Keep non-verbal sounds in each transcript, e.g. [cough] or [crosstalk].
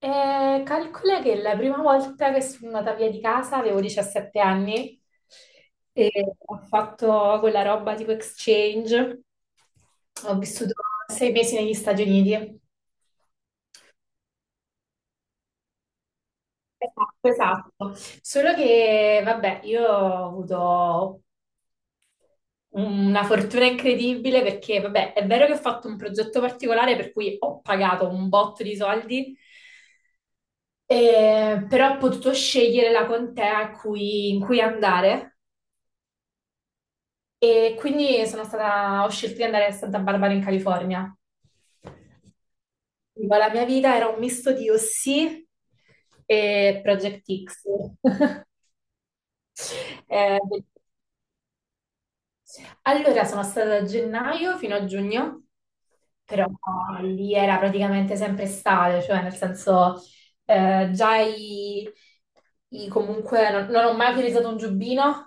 Calcola che la prima volta che sono andata via di casa avevo 17 anni e ho fatto quella roba tipo exchange. Ho vissuto 6 mesi negli Stati Uniti. Esatto, esatto. Solo che, vabbè, io ho avuto una fortuna incredibile perché, vabbè, è vero che ho fatto un progetto particolare per cui ho pagato un botto di soldi, però ho potuto scegliere la contea in cui andare. E quindi sono stata, ho scelto di andare a Santa Barbara in California. Dico, la mia vita era un misto di OC e Project X. [laughs] Eh, allora, sono stata da gennaio fino a giugno, però lì era praticamente sempre estate, cioè nel senso eh, già i, comunque non ho mai utilizzato un giubbino.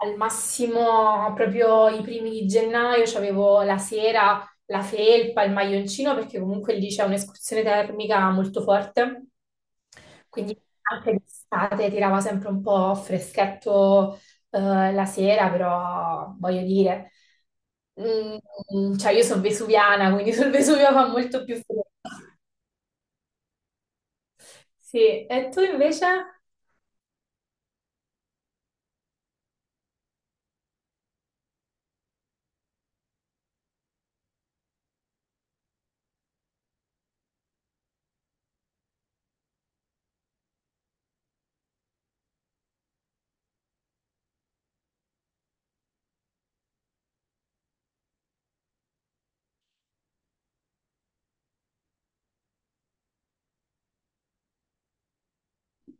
Al massimo, proprio i primi di gennaio, c'avevo la sera la felpa, il maglioncino, perché comunque lì c'è un'escursione termica molto forte. Quindi anche d'estate tirava sempre un po' freschetto, la sera, però voglio dire, cioè io sono vesuviana, quindi sul Vesuvio fa molto più freddo. Sì, e tu invece?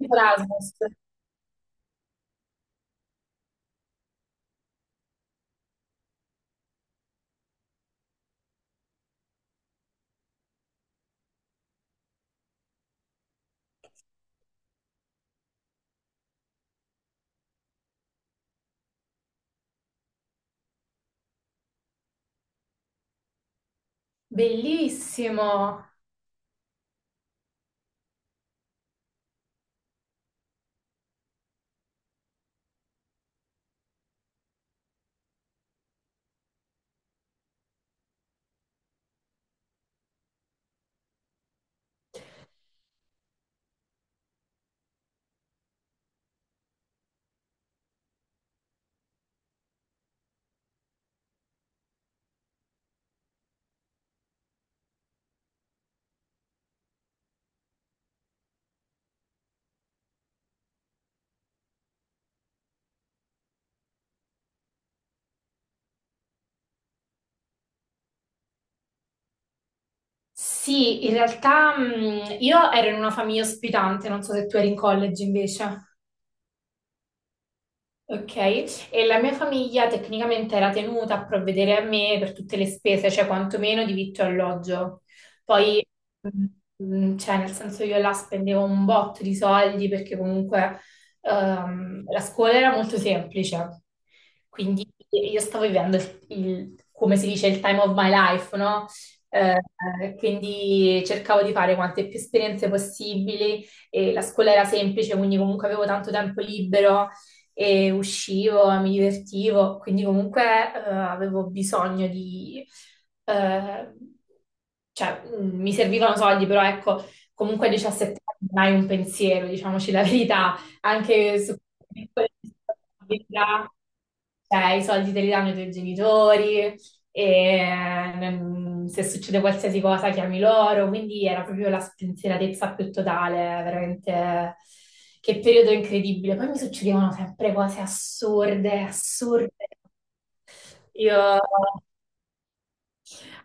Erasmus. Bellissimo. Sì, in realtà io ero in una famiglia ospitante, non so se tu eri in college invece. Ok, e la mia famiglia tecnicamente era tenuta a provvedere a me per tutte le spese, cioè quantomeno di vitto e alloggio. Poi, mm, cioè, nel senso io là spendevo un botto di soldi perché comunque la scuola era molto semplice, quindi io stavo vivendo come si dice, il time of my life, no? Quindi cercavo di fare quante più esperienze possibili e la scuola era semplice, quindi comunque avevo tanto tempo libero e uscivo, mi divertivo, quindi comunque avevo bisogno di... eh, cioè, mi servivano soldi, però ecco, comunque a 17 anni non hai un pensiero, diciamoci la verità, anche su quelle piccole responsabilità. Cioè, i soldi te li danno i tuoi genitori, e se succede qualsiasi cosa chiami loro, quindi era proprio la spensieratezza più totale, veramente che periodo incredibile. Poi mi succedevano sempre cose assurde, assurde. Io...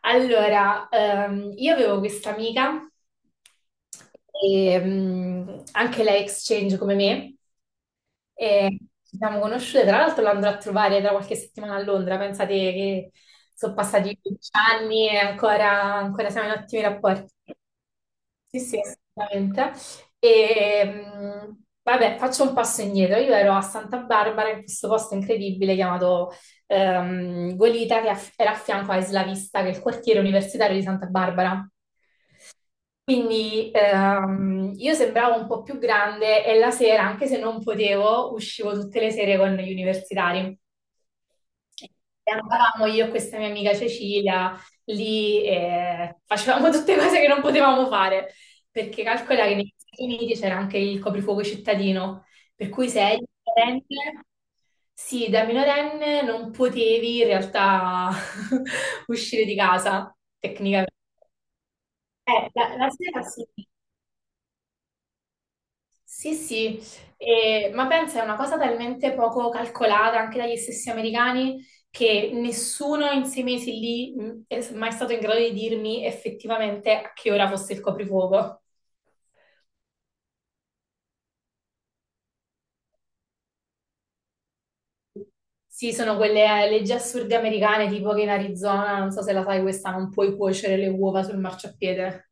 Allora, io avevo questa amica, e, anche lei exchange come me. E ci siamo conosciute, tra l'altro l'andrò a trovare tra qualche settimana a Londra, pensate che sono passati 15 anni e ancora siamo in ottimi rapporti. Sì, sì, assolutamente. E, mh, vabbè, faccio un passo indietro. Io ero a Santa Barbara, in questo posto incredibile chiamato Goleta, era a fianco a Isla Vista, che è il quartiere universitario di Santa Barbara. Quindi io sembravo un po' più grande e la sera, anche se non potevo, uscivo tutte le sere con gli universitari. E andavamo io e questa mia amica Cecilia lì e facevamo tutte cose che non potevamo fare, perché calcola che negli Stati Uniti c'era anche il coprifuoco cittadino, per cui se eri minorenne, sì, da minorenne non potevi in realtà [laughs] uscire di casa, tecnicamente. La sera sì. Sì, sì, ma pensa, è una cosa talmente poco calcolata anche dagli stessi americani che nessuno in 6 mesi lì è mai stato in grado di dirmi effettivamente a che ora fosse il coprifuoco. Sì, sono quelle leggi assurde americane, tipo che in Arizona, non so se la sai questa, non puoi cuocere le uova sul marciapiede.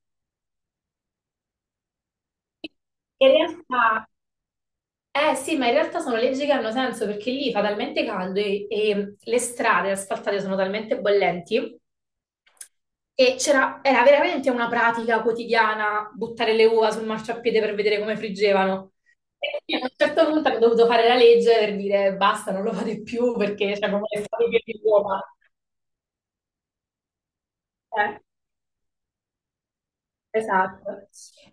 In realtà, eh sì, ma in realtà sono leggi che hanno senso perché lì fa talmente caldo e le strade asfaltate sono talmente bollenti. Era veramente una pratica quotidiana buttare le uova sul marciapiede per vedere come friggevano. E quindi a un certo punto hanno dovuto fare la legge per dire basta, non lo fate più perché c'è come le fate le uova. Eh. Esatto.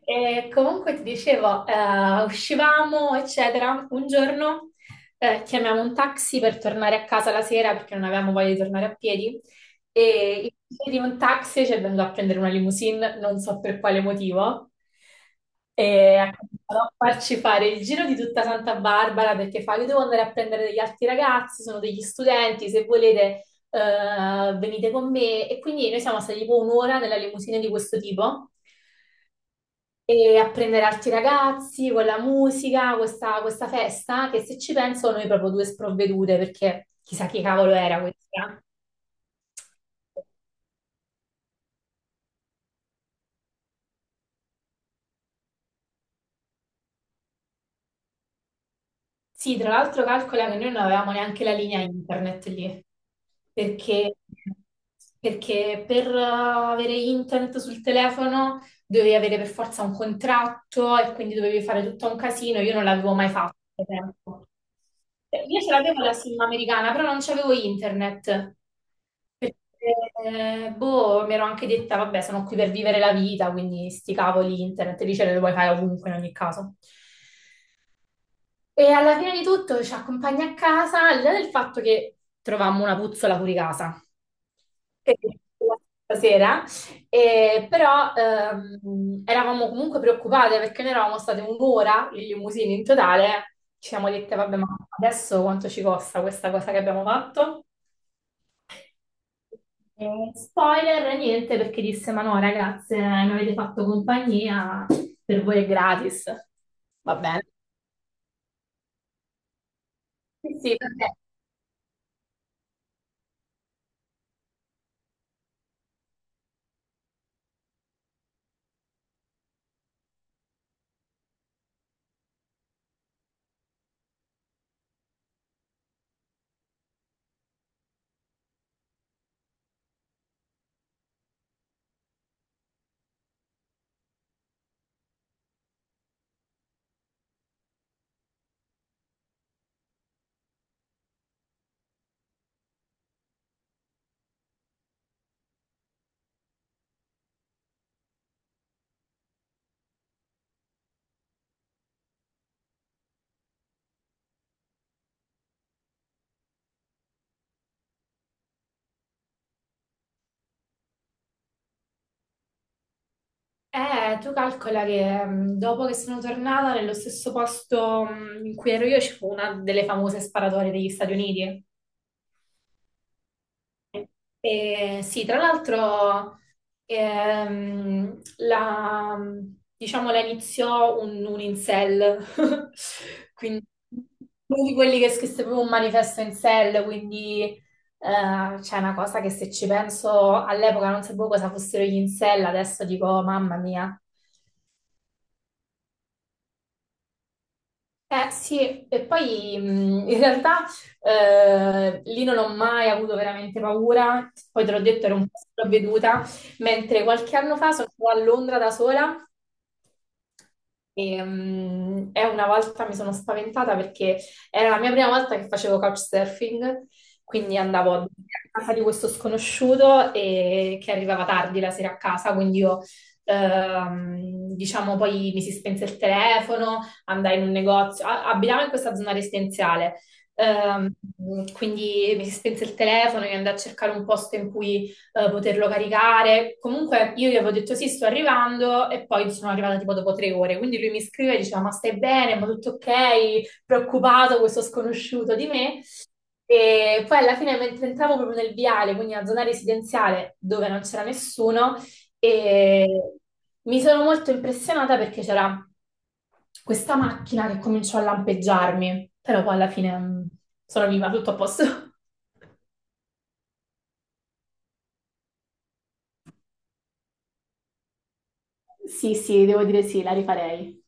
E comunque ti dicevo, uscivamo, eccetera. Un giorno chiamiamo un taxi per tornare a casa la sera perché non avevamo voglia di tornare a piedi. E invece di un taxi ci è venuto a prendere una limousine, non so per quale motivo. E ha cominciato a farci fare il giro di tutta Santa Barbara perché fa: io devo andare a prendere degli altri ragazzi, sono degli studenti, se volete venite con me. E quindi noi siamo stati tipo un'ora nella limousine di questo tipo e apprendere altri ragazzi con la musica, questa festa, che se ci penso noi proprio due sprovvedute, perché chissà chi cavolo era questa. Sì, tra l'altro calcola che noi non avevamo neanche la linea internet lì. perché, perché per avere internet sul telefono dovevi avere per forza un contratto e quindi dovevi fare tutto un casino. Io non l'avevo mai fatto. Per esempio. Io ce l'avevo la SIM americana, però non c'avevo internet. Perché, boh, mi ero anche detta, vabbè, sono qui per vivere la vita, quindi sti cavoli internet, lì ce le puoi fare ovunque in ogni caso. E alla fine di tutto ci accompagna a casa, al di là del fatto che trovammo una puzzola fuori casa che stasera, però eravamo comunque preoccupate perché noi eravamo state un'ora in limousine in totale, ci siamo dette, vabbè, ma adesso quanto ci costa questa cosa che abbiamo fatto? Spoiler, niente, perché disse, ma no, ragazze, mi avete fatto compagnia, per voi è gratis. Va bene. Sì, sì, perché tu calcola che dopo che sono tornata nello stesso posto in cui ero io, ci fu una delle famose sparatorie degli Stati Uniti. E sì, tra l'altro ehm, la, diciamo, la iniziò un incel, [laughs] quindi uno di quelli che scrisse proprio un manifesto incel, quindi c'è una cosa che se ci penso all'epoca non sapevo cosa fossero gli incel, adesso dico mamma mia. Eh sì, e poi in realtà lì non ho mai avuto veramente paura, poi te l'ho detto ero un po' sprovveduta, mentre qualche anno fa sono stata a Londra da sola e una volta mi sono spaventata perché era la mia prima volta che facevo couchsurfing, quindi andavo a casa di questo sconosciuto e che arrivava tardi la sera a casa, quindi diciamo, poi mi si spense il telefono, andai in un negozio, abitavo in questa zona residenziale, ehm, quindi mi si spense il telefono e andai a cercare un posto in cui poterlo caricare. Comunque io gli avevo detto sì, sto arrivando e poi sono arrivata tipo dopo 3 ore. Quindi lui mi scriveva e diceva ma stai bene, ma tutto ok, preoccupato questo sconosciuto di me. E poi alla fine mentre entravo proprio nel viale, quindi una zona residenziale dove non c'era nessuno, e mi sono molto impressionata perché c'era questa macchina che cominciò a lampeggiarmi, però poi alla fine sono viva, tutto a posto. [laughs] Sì, sì, devo dire sì, la rifarei.